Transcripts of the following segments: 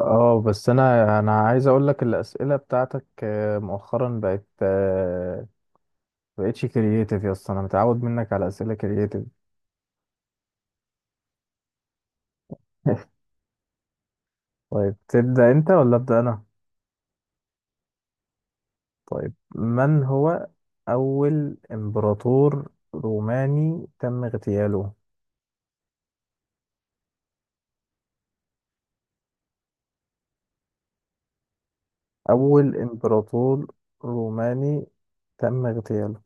اه، بس انا عايز اقول لك الاسئله بتاعتك، مؤخرا بقت بقتش كرييتيف يا اسطى. انا متعود منك على اسئله كرييتيف. طيب، تبدا انت ولا ابدا انا؟ طيب، من هو اول امبراطور روماني تم اغتياله؟ اول امبراطور روماني تم اغتياله.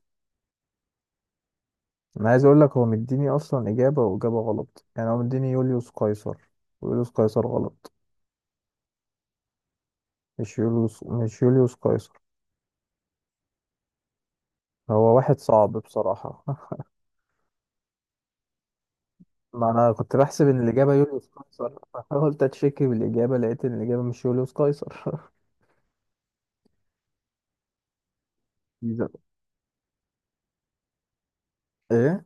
انا عايز اقول لك، هو مديني اصلا اجابه واجابه غلط، يعني هو مديني يوليوس قيصر، ويوليوس قيصر غلط. مش يوليوس قيصر. هو واحد صعب بصراحة. ما أنا كنت بحسب إن الإجابة يوليوس قيصر، فحاولت أتشكي بالإجابة، لقيت إن الإجابة مش يوليوس قيصر. جيزة. إيه؟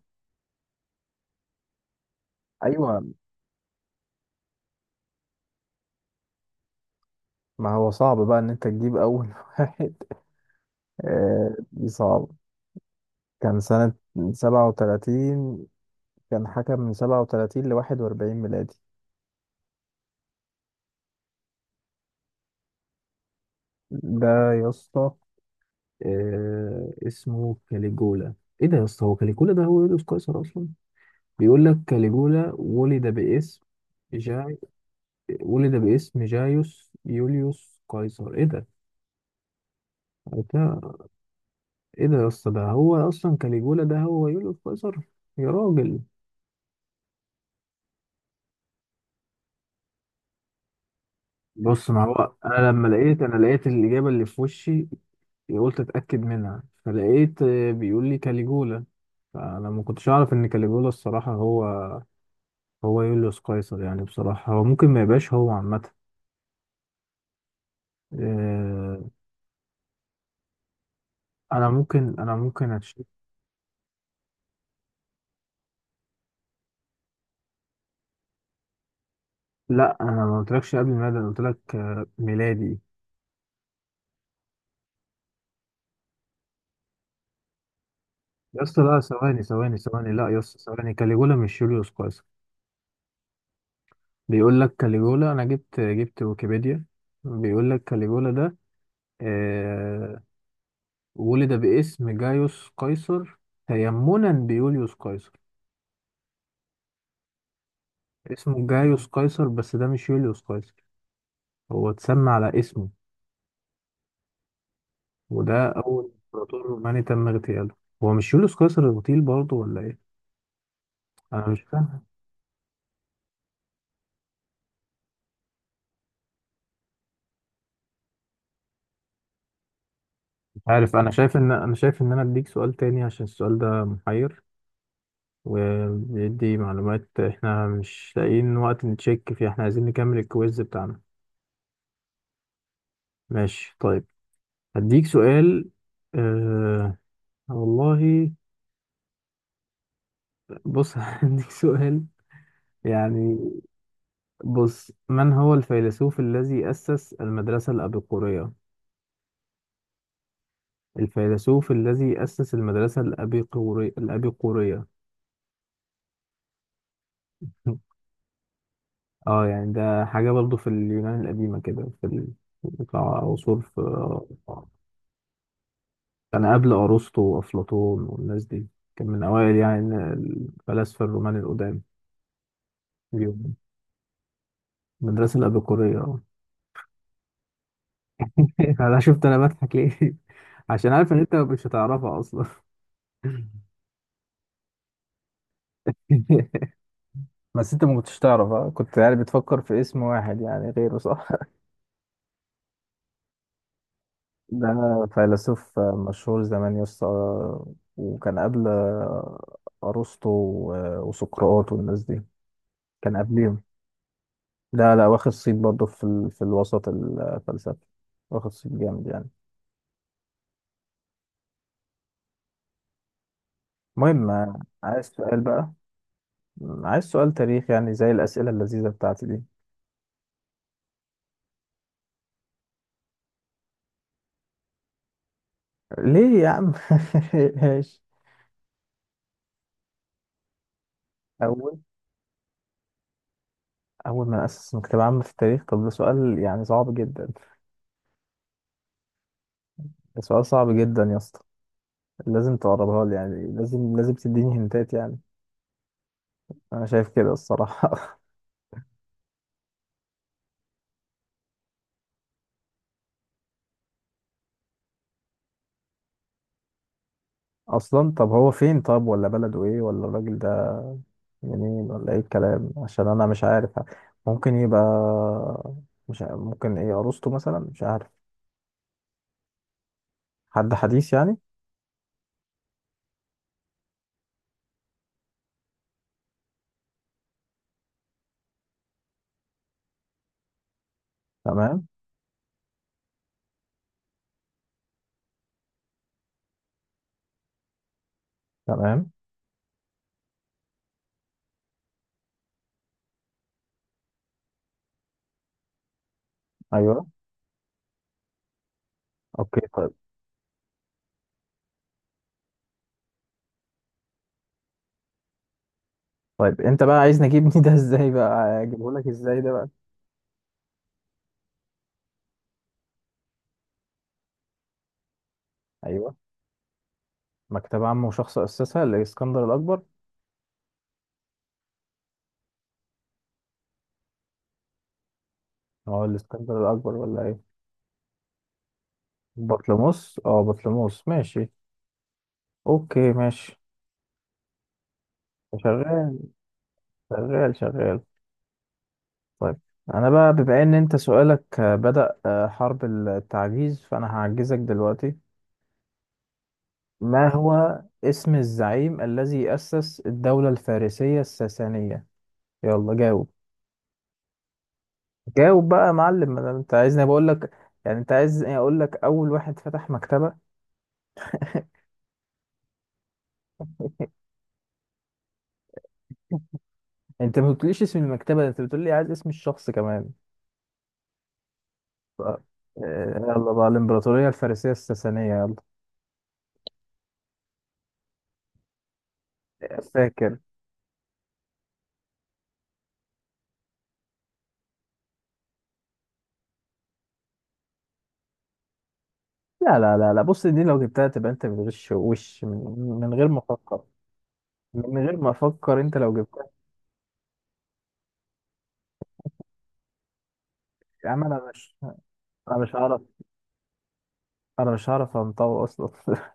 أيوة. ما هو صعب بقى إن أنت تجيب أول واحد. دي صعب. كان سنة 37. كان حكم من 37 ل41 ميلادي. ده يا اسطى، اسمه كاليجولا. إيه ده يا اسطى، هو كاليجولا ده هو يوليوس قيصر أصلا؟ بيقول لك كاليجولا جاي ولد باسم جايوس يوليوس قيصر. ايه ده؟ ده- ايه ده يا اسطى، ده هو اصلا كاليجولا، ده هو يوليوس قيصر؟ يا راجل. بص، ما هو انا لقيت الاجابه اللي في وشي، قلت اتاكد منها، فلقيت بيقول لي كاليجولا. فانا ما كنتش اعرف ان كاليجولا الصراحه هو يوليوس قيصر. يعني بصراحه هو ممكن ما يبقاش هو عامه. آه، انا ممكن لا، انا ما قلتلكش قبل ميلادي، انا قلتلك ميلادي. يا اسطى لا، ثواني ثواني ثواني، لا يا اسطى، ثواني. كاليجولا مش جوليوس قيصر. بيقول لك كاليجولا، انا جبت ويكيبيديا. بيقول لك كاليجولا ده آه ولد باسم جايوس قيصر تيمنا بيوليوس قيصر. اسمه جايوس قيصر، بس ده مش يوليوس قيصر، هو اتسمى على اسمه. وده اول امبراطور روماني تم اغتياله. هو مش يوليوس قيصر اغتيل برضه ولا ايه؟ انا مش فاهم. مش عارف، انا شايف ان، انا اديك سؤال تاني عشان السؤال ده محير وبيدي معلومات احنا مش لاقيين وقت نتشيك فيه، احنا عايزين نكمل الكويز بتاعنا. ماشي طيب، هديك سؤال. اه، والله. بص، هديك سؤال يعني. بص، من هو الفيلسوف الذي أسس المدرسة الأبيقورية؟ الفيلسوف الذي أسس المدرسة الأبيقورية. اه، يعني ده حاجة برضو في اليونان القديمة كده، بتاع عصور في. كان قبل أرسطو وأفلاطون والناس دي. كان من أوائل يعني الفلاسفة الرومان القدام. اليوم المدرسة الأبيقورية، اه. أنا بضحك ليه؟ عشان عارف إن أنت مش هتعرفها أصلا. بس انت ما كنتش تعرف، ها؟ كنت يعني بتفكر في اسم واحد يعني غيره، صح؟ ده فيلسوف مشهور زمان يا اسطى، وكان قبل ارسطو و- وسقراط والناس دي. كان قبلهم. لا لا، واخد صيت برضه في ال... في الوسط الفلسفي. واخد صيت جامد يعني. المهم، عايز سؤال بقى. عايز سؤال تاريخ يعني، زي الأسئلة اللذيذة بتاعتي دي. ليه يا عم؟ ماشي. أول، ما أسس مكتبة عامة في التاريخ؟ طب ده سؤال يعني صعب جدا. ده سؤال صعب جدا يا اسطى. لازم تقربها لي يعني، لازم تديني هنتات يعني. أنا شايف كده الصراحة. اصلا طب هو فين، طب ولا بلده ايه، ولا الراجل ده منين، ولا ايه الكلام؟ عشان انا مش عارف. ممكن يبقى مش عارف. ممكن ايه، عروسته مثلا، مش عارف. حد حديث يعني. تمام. تمام. ايوه. اوكي طيب. طيب انت بقى عايز نجيبني ده ازاي؟ بقى اجيبه لك ازاي ده بقى؟ ايوه. مكتبة عامة وشخص اسسها، الاسكندر الاكبر. هو الاسكندر الاكبر ولا ايه؟ بطليموس، بطليموس، ماشي. اوكي ماشي. شغال. شغال. شغال. طيب، انا بقى بما ان انت سؤالك بدأ حرب التعجيز، فانا هعجزك دلوقتي. ما هو اسم الزعيم الذي أسس الدولة الفارسية الساسانية؟ يلا جاوب. جاوب بقى يا معلم، ما دام انت عايزني بقول لك. يعني انت عايزني اقول لك اول واحد فتح مكتبة؟ انت ما قلتليش اسم المكتبة، ده انت بتقول لي عايز اسم الشخص كمان. ف- آه، يلا بقى، الامبراطورية الفارسية الساسانية، يلا. فاكر. لا لا لا لا، بص، دي لو جبتها تبقى انت بتغش، وش من غير مفكر. من غير ما افكر، انت لو جبتها. يا عم انا مش هعرف. انا مش هعرف انطوي اصلا.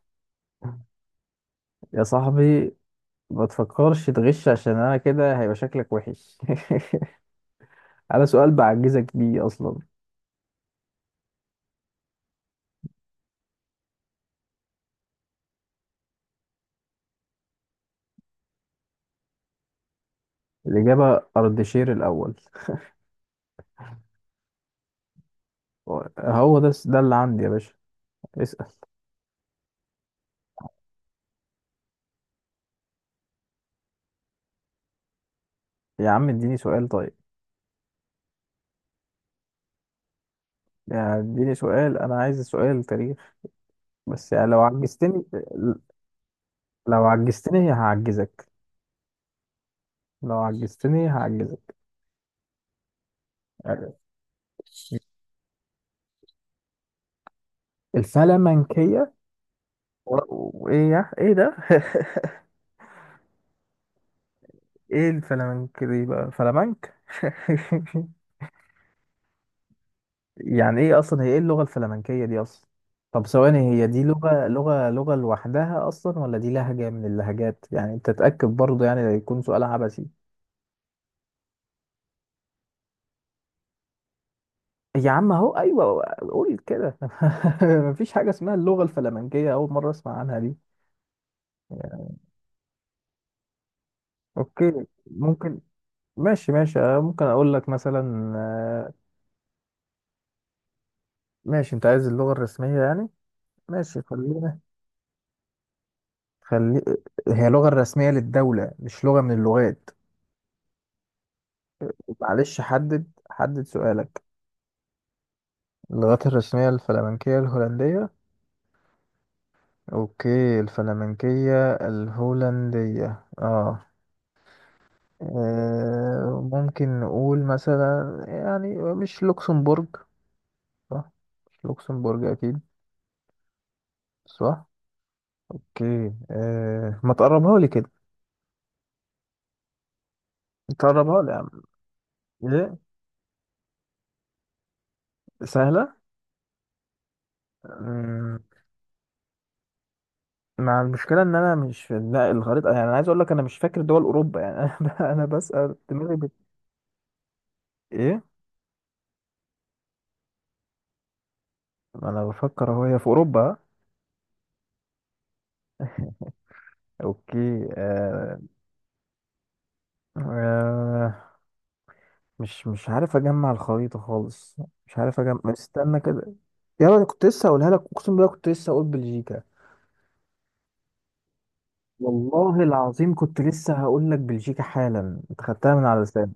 يا صاحبي، ما تفكرش تغش، عشان انا كده هيبقى شكلك وحش على سؤال بعجزك بيه اصلا. الاجابه اردشير الاول. هو ده اللي عندي يا باشا. اسال. يا عم اديني سؤال طيب. يعني اديني سؤال، انا عايز سؤال تاريخ، بس يعني لو عجزتني، لو عجزتني هعجزك. لو عجزتني هعجزك. الفلامنكية. وايه يا، ايه ده؟ ايه الفلامنك دي بقى؟ فلامنك. يعني ايه اصلا هي، ايه اللغة الفلامنكية دي اصلا؟ طب ثواني، هي دي لغة لوحدها اصلا، ولا دي لهجة من اللهجات؟ يعني انت تتأكد برضه، يعني لا يكون سؤال عبثي. يا عم اهو، ايوه، قول كده. مفيش حاجة اسمها اللغة الفلامنكية، اول مرة اسمع عنها دي. اوكي. ممكن. ماشي ماشي، ممكن اقول لك مثلا، ماشي، انت عايز اللغة الرسمية يعني؟ ماشي، خلينا، خلي، هي اللغة الرسمية للدولة مش لغة من اللغات. معلش، حدد سؤالك. اللغات الرسمية الفلامنكية الهولندية. اوكي، الفلامنكية الهولندية، اه. ممكن نقول مثلا، يعني، مش لوكسمبورج، صح؟ مش لوكسمبورج اكيد، صح. اوكي، ما تقربها لي كده، تقربها لي يا عم. ايه؟ سهلة. مع المشكله ان انا مش في، لا الخريطه، يعني انا عايز اقول لك، انا مش فاكر دول اوروبا يعني. انا بسال دماغي ايه. انا بفكر، هي في اوروبا؟ اوكي. آه... مش عارف اجمع الخريطه خالص. مش عارف اجمع، استنى كده. يلا، أنا كنت لسه هقولها لك، اقسم بالله كنت لسه هقول بلجيكا. والله العظيم كنت لسه هقول لك بلجيكا حالا، انت خدتها من على لساني.